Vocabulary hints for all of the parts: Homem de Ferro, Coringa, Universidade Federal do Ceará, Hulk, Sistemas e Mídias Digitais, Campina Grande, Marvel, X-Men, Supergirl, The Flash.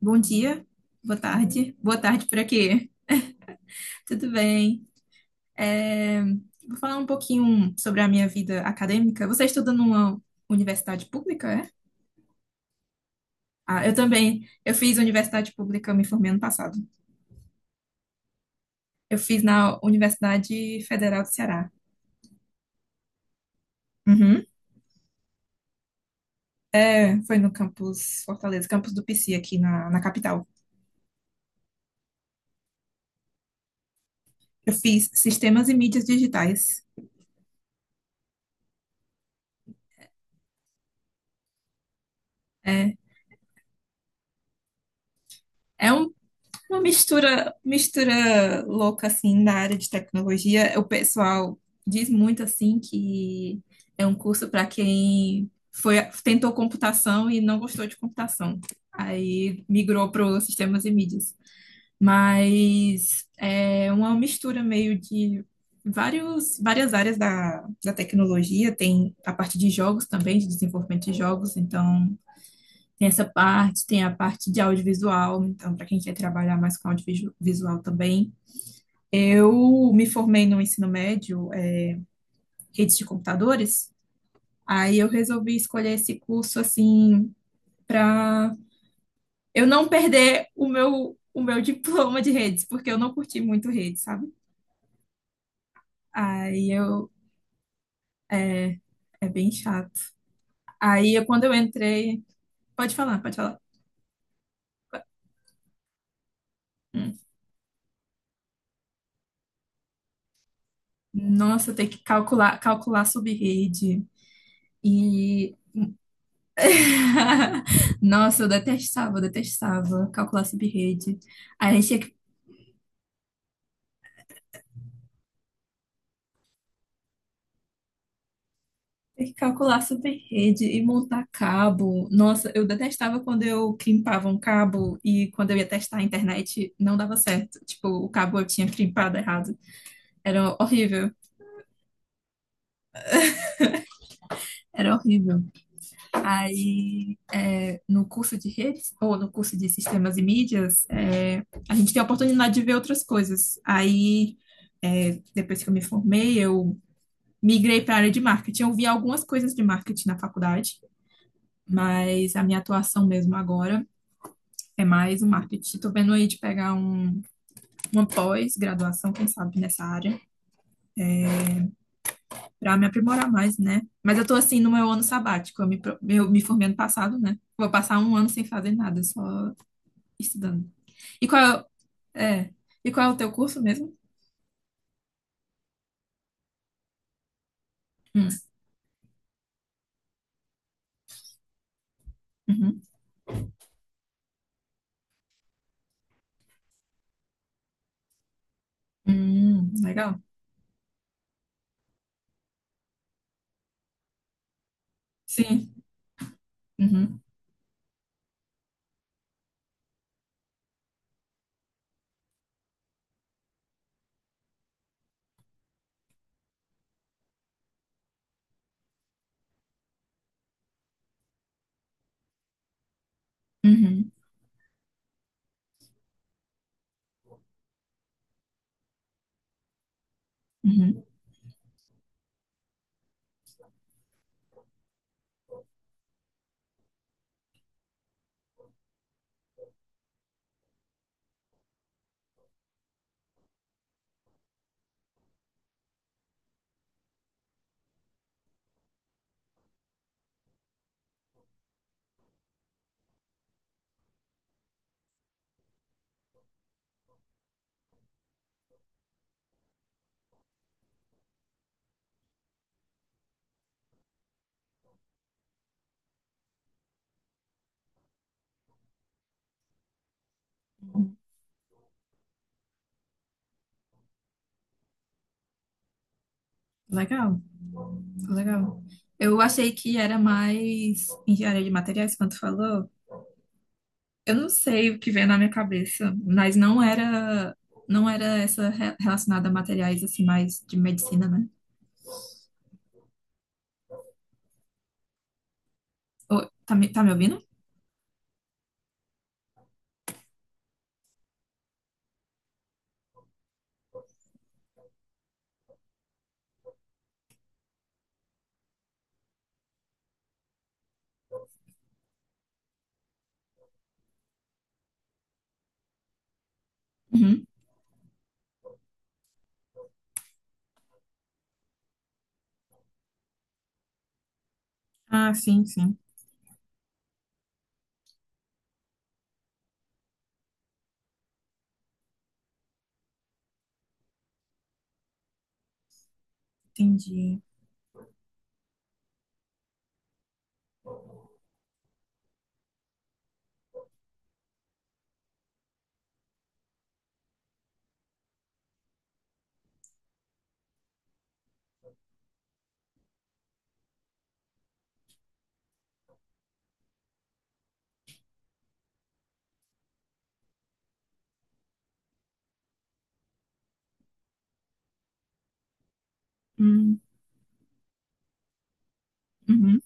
Bom dia, boa tarde por aqui. Tudo bem? É, Vou falar um pouquinho sobre a minha vida acadêmica. Você estuda numa universidade pública, é? Ah, eu também. Eu fiz universidade pública, eu me formei ano passado. Eu fiz na Universidade Federal do Ceará. Uhum. É, foi no campus Fortaleza, campus do PC aqui na capital. Eu fiz Sistemas e Mídias Digitais. É, é um Uma mistura, louca assim na área de tecnologia. O pessoal diz muito assim que é um curso para quem foi tentou computação e não gostou de computação. Aí migrou para os sistemas e mídias. Mas é uma mistura meio de várias áreas da tecnologia. Tem a parte de jogos também, de desenvolvimento de jogos. Então tem essa parte, tem a parte de audiovisual, então, para quem quer trabalhar mais com audiovisual também. Eu me formei no ensino médio, redes de computadores, aí eu resolvi escolher esse curso assim, para eu não perder o meu diploma de redes, porque eu não curti muito redes, sabe? Aí eu. É bem chato. Aí eu, quando eu entrei. Pode falar, pode falar. Hum. Nossa, tem que calcular sub rede e. Nossa, eu detestava calcular sub-rede. Aí a gente tinha que ter que calcular sub-rede e montar cabo. Nossa, eu detestava quando eu crimpava um cabo e quando eu ia testar a internet não dava certo. Tipo, o cabo eu tinha crimpado errado. Era horrível, era horrível. Aí, é, no curso de redes, ou no curso de sistemas e mídias, é, a gente tem a oportunidade de ver outras coisas. Aí, é, depois que eu me formei, eu migrei para a área de marketing. Eu vi algumas coisas de marketing na faculdade, mas a minha atuação mesmo agora é mais o marketing. Estou vendo aí de uma pós-graduação, quem sabe, nessa área, para me aprimorar mais, né? Mas eu estou assim no meu ano sabático, eu me formei ano passado, né? Vou passar um ano sem fazer nada, só estudando. E qual é, o- é, e qual é o teu curso mesmo? Hum, uhum. Legal. Sim. Uhum, uhum, uhum. Legal. Legal. Eu achei que era mais engenharia de materiais, quando tu falou. Eu não sei o que veio na minha cabeça, mas não era essa relacionada a materiais, assim, mais de medicina, né? Ô, tá me ouvindo? Uhum. Ah, sim, sim. Entendi. Hum, uhum.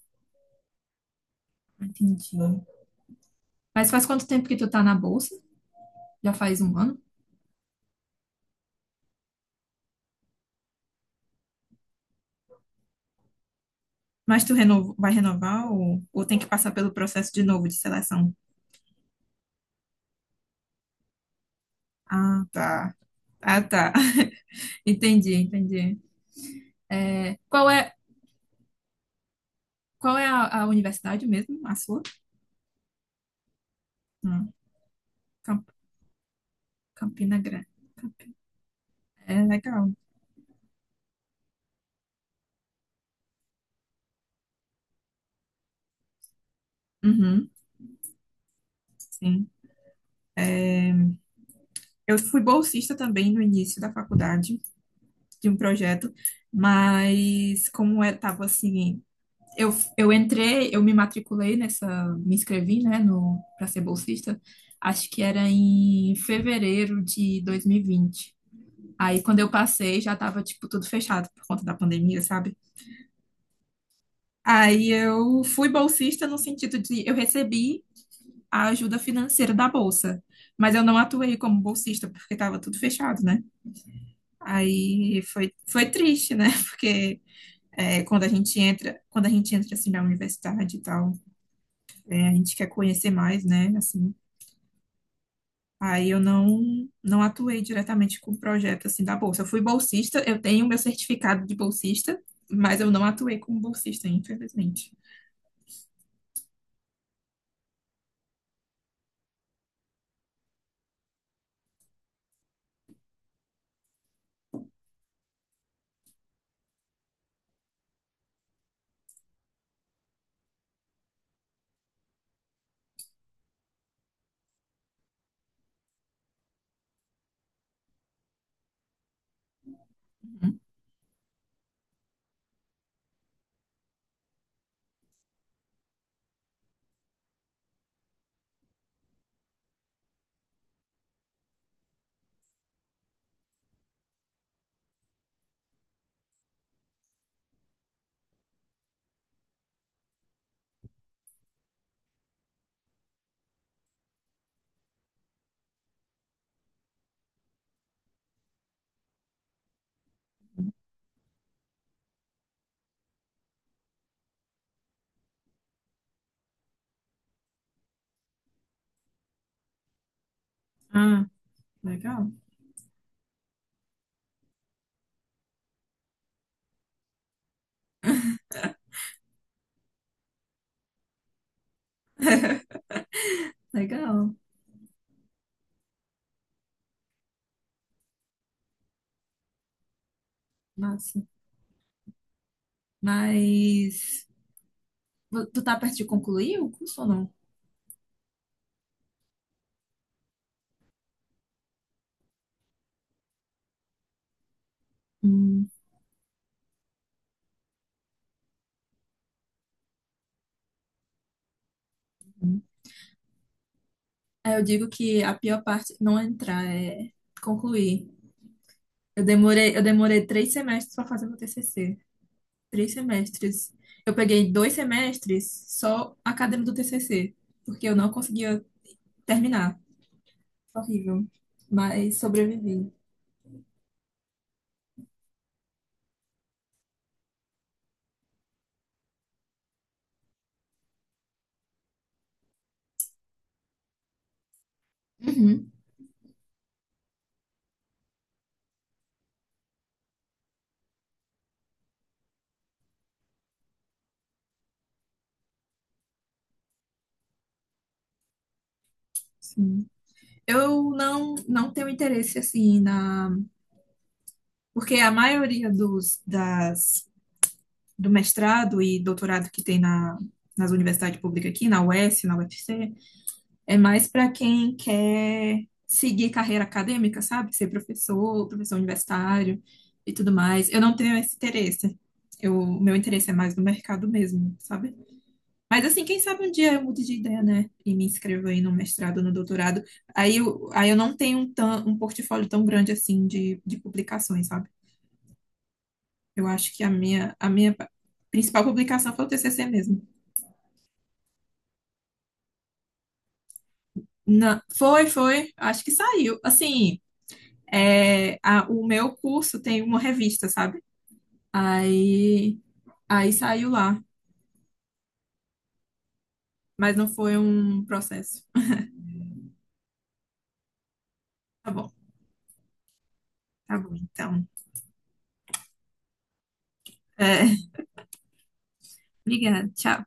Entendi. Mas faz quanto tempo que tu tá na bolsa? Já faz um ano? Mas vai renovar ou tem que passar pelo processo de novo de seleção? Ah, tá. Ah, tá. Entendi, entendi. É, qual é, qual é a universidade mesmo? A sua? Hum, Camp- Campina Grande. Campi- É legal. Uhum, sim. Eu fui bolsista também no início da faculdade de um projeto, mas como eu tava assim, eu, eu entrei, eu me matriculei nessa, me inscrevi, né, no para ser bolsista. Acho que era em fevereiro de 2020. Aí quando eu passei, já tava tipo tudo fechado por conta da pandemia, sabe? Aí eu fui bolsista no sentido de eu recebi a ajuda financeira da bolsa, mas eu não atuei como bolsista porque estava tudo fechado, né? Aí foi triste, né? Porque é, quando a gente entra assim na universidade e tal, é, a gente quer conhecer mais, né? Assim, aí eu não atuei diretamente com o projeto assim da bolsa. Eu fui bolsista, eu tenho meu certificado de bolsista, mas eu não atuei como bolsista, infelizmente. Uhum. Ah, legal, legal. Massa. Mas tu tá perto de concluir o curso ou não? Hum. Aí eu digo que a pior parte não é entrar, é concluir. Eu demorei três semestres para fazer meu TCC. Três semestres. Eu peguei dois semestres só acadêmico do TCC, porque eu não conseguia terminar. Horrível. Mas sobrevivi. Uhum, sim. Eu não tenho interesse assim na. Porque a maioria das do mestrado e doutorado que tem na, nas universidades públicas aqui, na UES, na UFC, é mais para quem quer seguir carreira acadêmica, sabe? Ser professor universitário e tudo mais. Eu não tenho esse interesse. Eu, o meu interesse é mais no mercado mesmo, sabe? Mas assim, quem sabe um dia eu mude de ideia, né? E me inscrevo aí no mestrado, no doutorado. Aí eu não tenho um, tão, um portfólio tão grande assim de publicações, sabe? Eu acho que a minha principal publicação foi o TCC mesmo. Não, foi. Acho que saiu. Assim, é, o meu curso tem uma revista, sabe? Aí, aí saiu lá, mas não foi um processo. Tá bom, tá bom, então. É, obrigada, tchau.